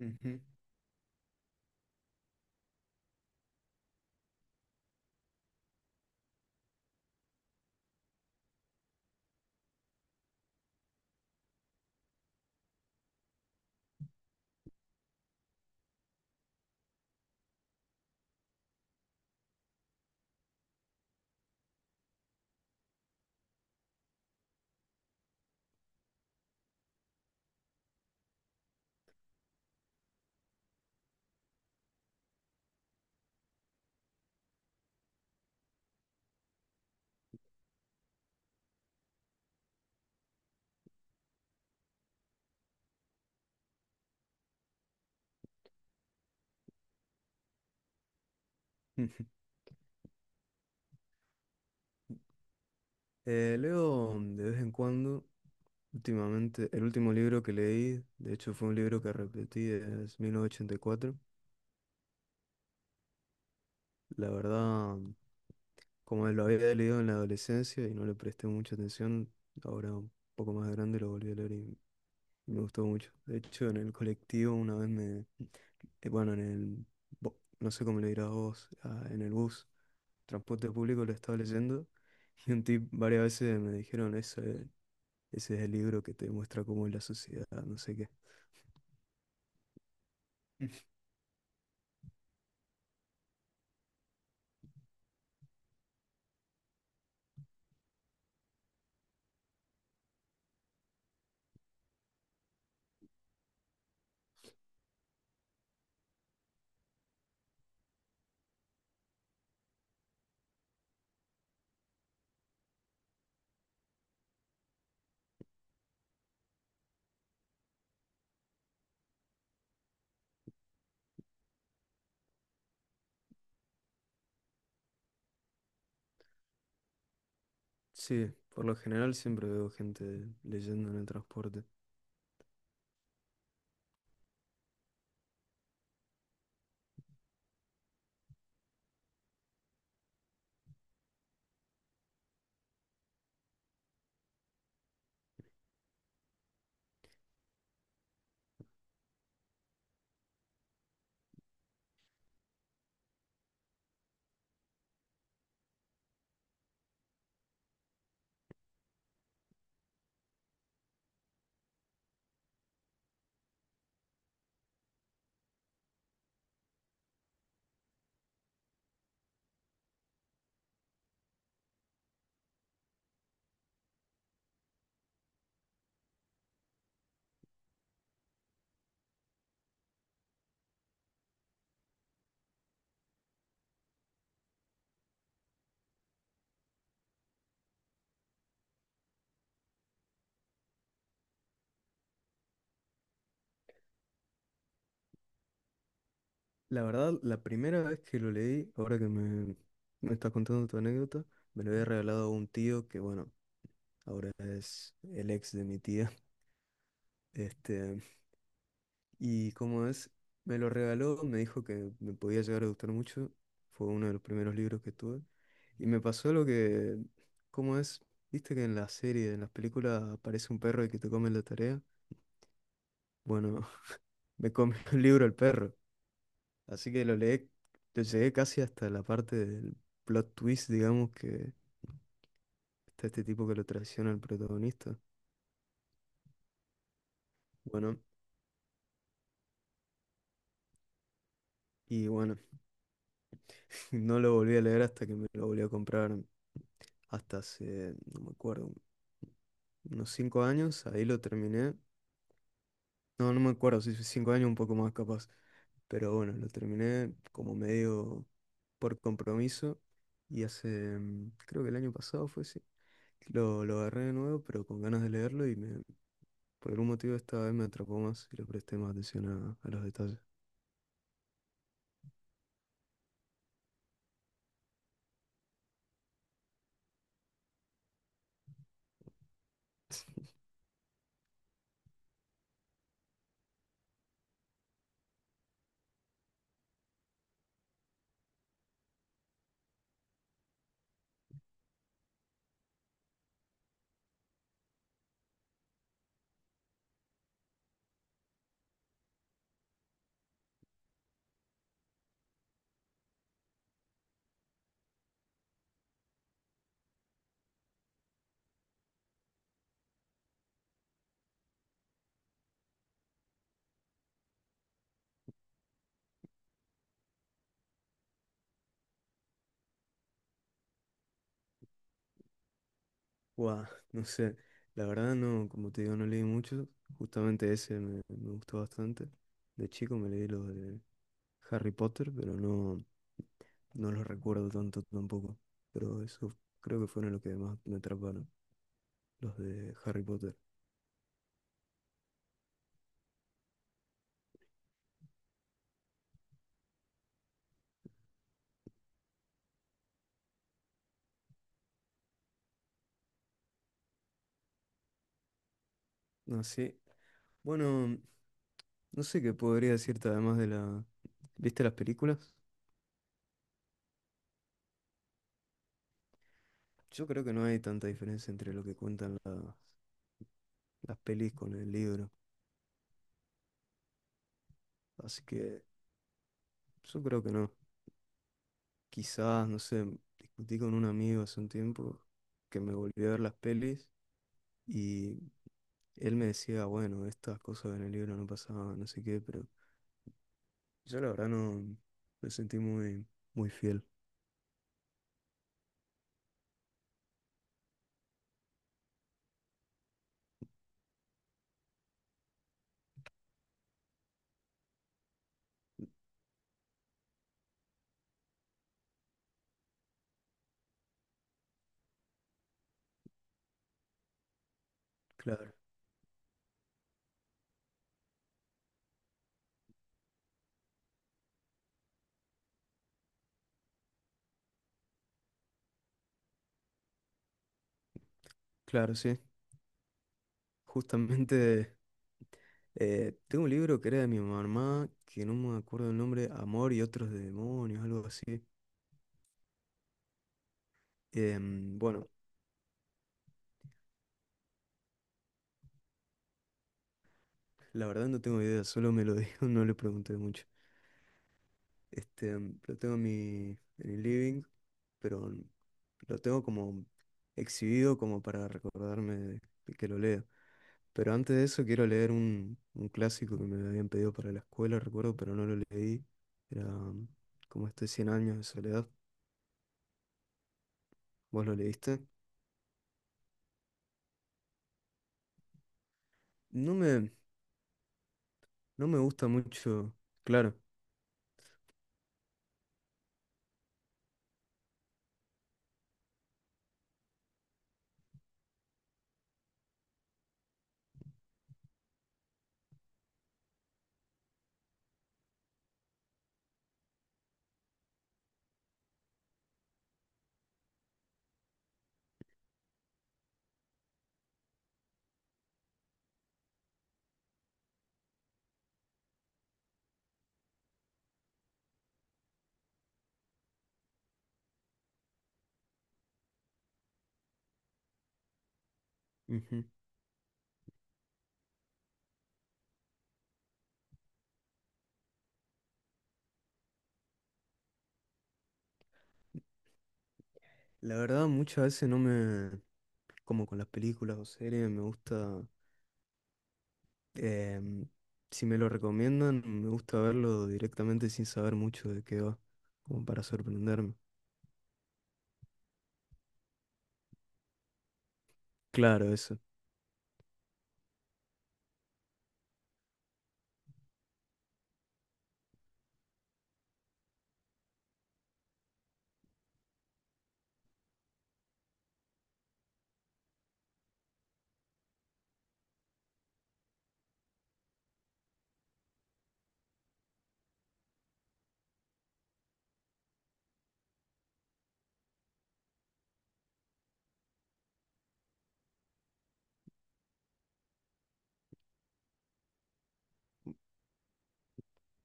Ujú, ujú. Leo de vez en cuando, últimamente, el último libro que leí, de hecho fue un libro que repetí, es 1984. La verdad, como lo había leído en la adolescencia y no le presté mucha atención, ahora un poco más grande lo volví a leer y me gustó mucho. De hecho, en el colectivo una vez bueno, no sé cómo le dirás vos, ah, en el bus, transporte público lo estaba leyendo. Y un tip varias veces me dijeron eso. Ese es el libro que te muestra cómo es la sociedad, no sé qué. Sí, por lo general siempre veo gente leyendo en el transporte. La verdad, la primera vez que lo leí, ahora que me estás contando tu anécdota, me lo había regalado un tío que, bueno, ahora es el ex de mi tía. Este, y como es, me lo regaló, me dijo que me podía llegar a gustar mucho. Fue uno de los primeros libros que tuve. Y me pasó lo que, como es, viste que en las series, en las películas aparece un perro y que te come la tarea. Bueno, me comió el libro el perro. Así que lo leí, lo llegué casi hasta la parte del plot twist, digamos, que está este tipo que lo traiciona al protagonista. Bueno, y bueno, no lo volví a leer hasta que me lo volví a comprar hasta hace, no me acuerdo, unos 5 años, ahí lo terminé. No, no me acuerdo si fue 5 años, un poco más capaz. Pero bueno, lo terminé como medio por compromiso. Y hace, creo que el año pasado fue así. Lo agarré de nuevo, pero con ganas de leerlo y por algún motivo esta vez me atrapó más y le presté más atención a los detalles. Guau, no sé, la verdad no, como te digo, no leí mucho, justamente ese me gustó bastante. De chico me leí los de Harry Potter, pero no, no los recuerdo tanto tampoco. Pero eso creo que fueron los que más me atraparon, los de Harry Potter. No sé, bueno, no sé qué podría decirte además de la... ¿Viste las películas? Yo creo que no hay tanta diferencia entre lo que cuentan las pelis con el libro. Así que yo creo que no. Quizás, no sé, discutí con un amigo hace un tiempo que me volvió a ver las pelis. Y él me decía, bueno, estas cosas en el libro no pasaban, no sé qué, pero yo la verdad no me sentí muy, muy fiel. Claro, claro, sí. Justamente tengo un libro que era de mi mamá, que no me acuerdo el nombre, Amor y otros demonios, algo así. Bueno, la verdad no tengo idea, solo me lo dijo, no le pregunté mucho. Este, lo tengo en el living, pero lo tengo como exhibido como para recordarme de que lo lea. Pero antes de eso quiero leer un clásico que me habían pedido para la escuela, recuerdo, pero no lo leí. Era como este Cien años de soledad. ¿Vos lo leíste? No me, no me gusta mucho, claro. Ujú. La verdad, muchas veces no me, como con las películas o series, me gusta, em, si me lo recomiendan, me gusta verlo directamente sin saber mucho de qué va, como para sorprenderme. Claro, eso,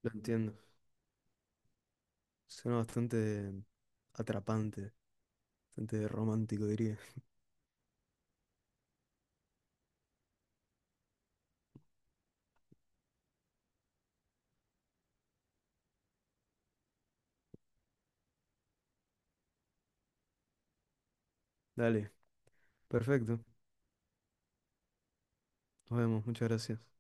lo entiendo. Suena bastante atrapante. Bastante romántico, diría. Dale, perfecto. Nos vemos, muchas gracias.